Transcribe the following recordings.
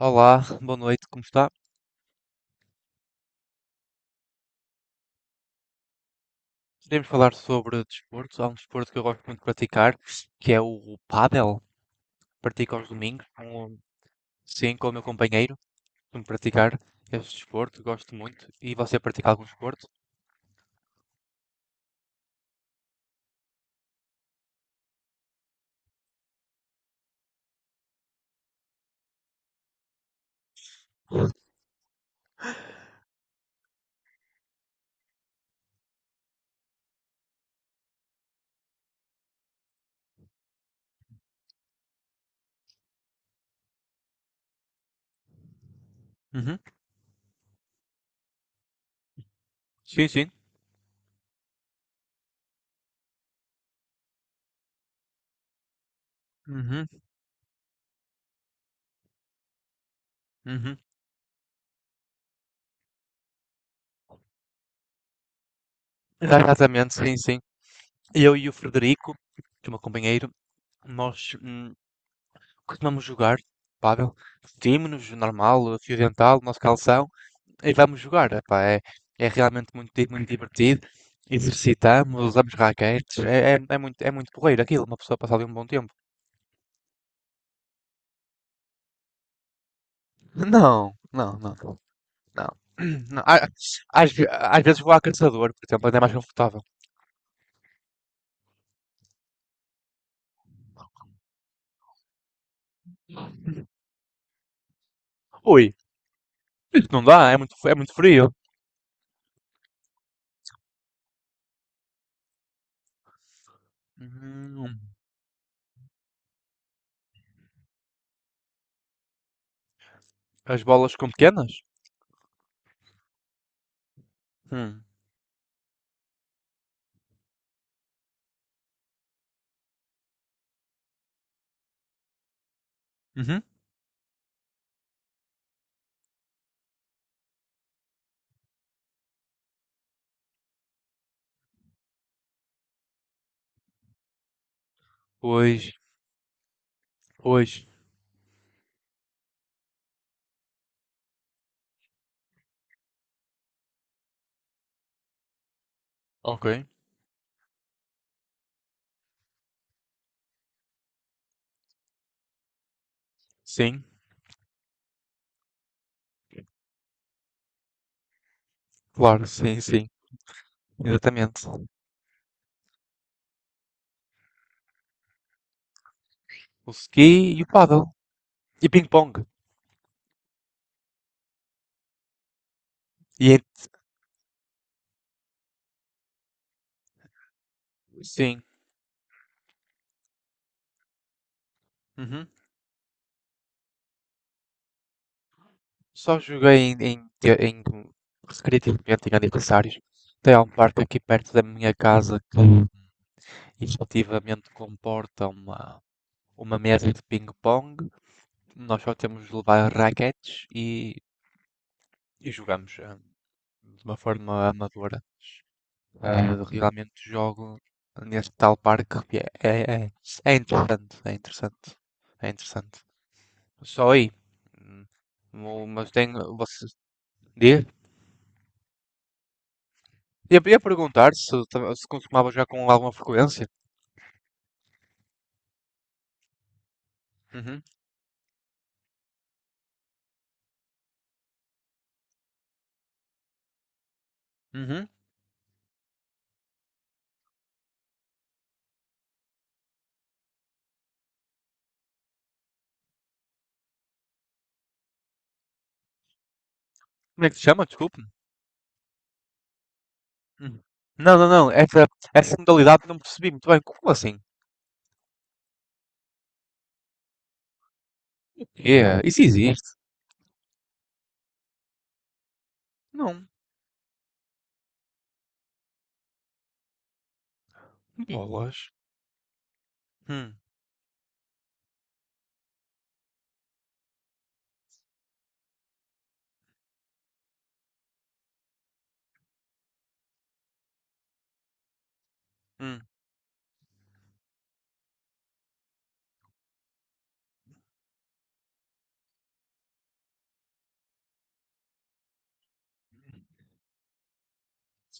Olá, boa noite, como está? Queremos falar sobre desporto. Há um desporto que eu gosto muito de praticar, que é o pádel. Pratico aos domingos, com, sim, com o meu companheiro. Costumo praticar esse desporto, gosto muito. E você pratica algum desporto? Uhum. Sim, sim. Uhum, uhum. Exatamente, sim, sim. Eu e o Frederico, que é o meu companheiro, nós costumamos jogar pádel. Vestimos-nos normal, fio dental, nosso calção e vamos jogar. Epá, é, é realmente muito, muito divertido. Exercitamos, usamos raquetes. É, é, é muito porreiro aquilo, uma pessoa passar ali um bom tempo. Não, não, não, não. Não, a- Às vezes vou a caçador, por exemplo, ainda é mais confortável. Ui, isso não dá, é muito frio. Hum, as bolas ficam pequenas? Hum. Uhum. Pois, pois. Ok. Sim, claro, sim, sim. Exatamente. O ski e o paddle. E ping-pong. E sim. Uhum. Só joguei em recreativamente em aniversários. Tem um parque aqui perto da minha casa que efetivamente comporta uma mesa de ping-pong. Nós só temos de levar raquetes e jogamos de uma forma amadora. Ah, realmente jogo neste tal parque. Que É, é, é, é interessante, é interessante, é interessante. Só aí. Mas tem, vocês, diz? Ia perguntar se, se consumava já com alguma frequência. Uhum, uhum. Como é que se chama? Desculpe. Hum. Não, não, não. Essa modalidade não percebi muito bem. Como assim? É, isso existe? Não. Bolas. Hum, hum.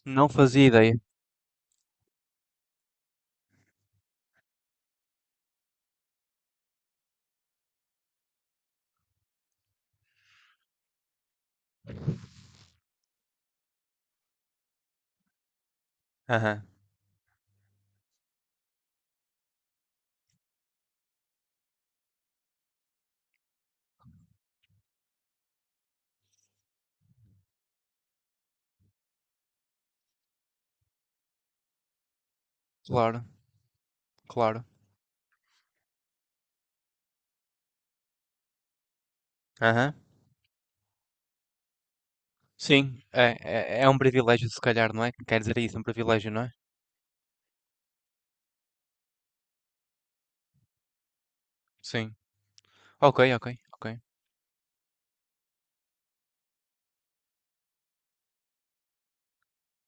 Não fazia ideia. Aham. Claro, claro. Aham. Sim, é, é, é um privilégio, se calhar, não é? Quer dizer isso, um privilégio, não é? Sim. Ok, ok, ok.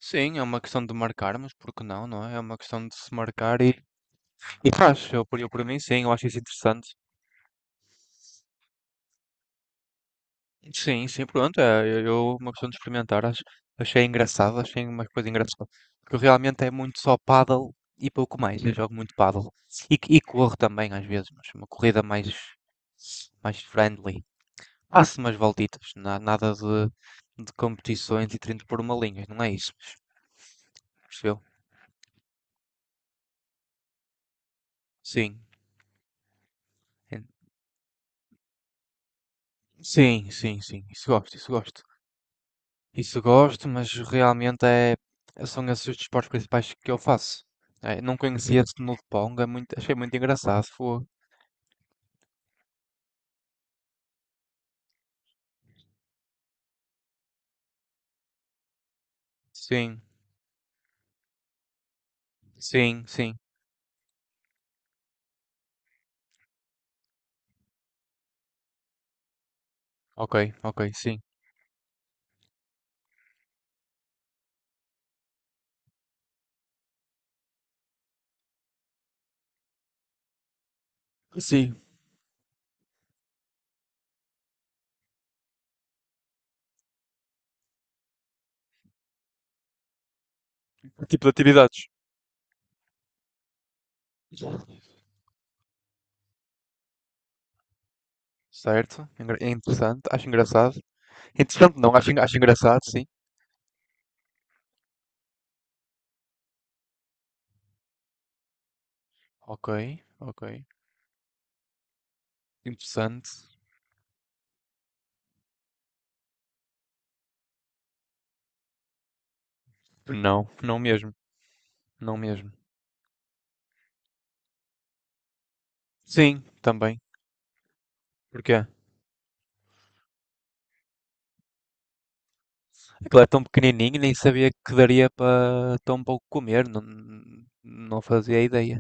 Sim, é uma questão de marcarmos, porque não, não é? É uma questão de se marcar e faz. Eu por mim, sim, eu acho isso interessante. Sim, sim, pronto. Uma questão de experimentar, acho, achei engraçado, achei uma coisa engraçada. Porque realmente é muito só paddle e pouco mais. Eu jogo muito paddle. E corro também às vezes, mas uma corrida mais, mais friendly. Faço umas voltitas, nada de, de competições e 30 por uma linha, não é isso? Percebeu? Sim. Sim, sim, sim. Isso gosto, isso gosto. Isso gosto, mas realmente é, são esses os desportos principais que eu faço. É, não conhecia esse no de Pong, é muito, achei muito engraçado. Foi. Sim, sim, sim. Ok, ok, sim. Sim, tipo de atividades. Certo, é interessante, acho engraçado. Interessante não, acho, acho engraçado, sim. Ok, ok. Interessante. Não, não mesmo, não mesmo. Sim, também. Porquê? Aquilo é tão pequenininho, nem sabia que daria para tão pouco comer, não, não fazia ideia.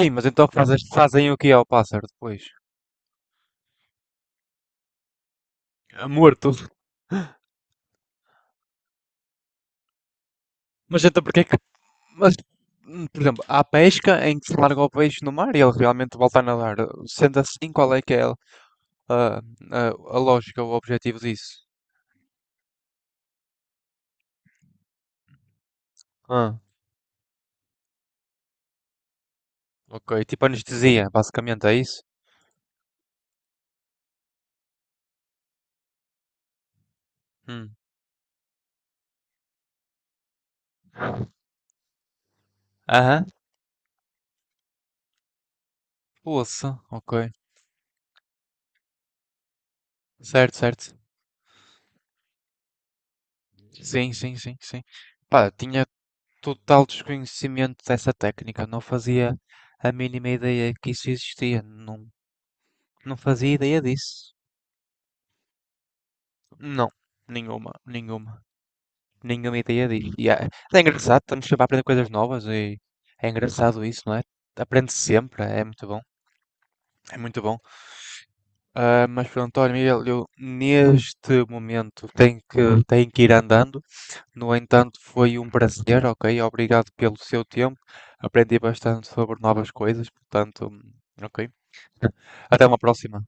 Sim, mas então fazes, fazem o que ao pássaro depois? É morto. Mas então porquê que... Mas, por exemplo, há pesca em que se larga o peixe no mar e ele realmente volta a nadar. Sendo assim, qual é que é a, a lógica, o objetivo disso? Ah, ok. Tipo anestesia, basicamente, é isso? Hum. Aham. Poça, ok. Certo, certo. Sim, sim, sim, sim. Pá, tinha... total desconhecimento dessa técnica, não fazia a mínima ideia que isso existia, não, não fazia ideia disso. Não, nenhuma, nenhuma, nenhuma ideia disso. E é, é engraçado, estamos sempre a aprender coisas novas e é engraçado isso, não é? Aprende sempre, é muito bom, é muito bom. Ah, mas pronto, António Miguel, eu neste momento tenho que ir andando. No entanto, foi um prazer, ok? Obrigado pelo seu tempo. Aprendi bastante sobre novas coisas, portanto, ok. Até uma próxima.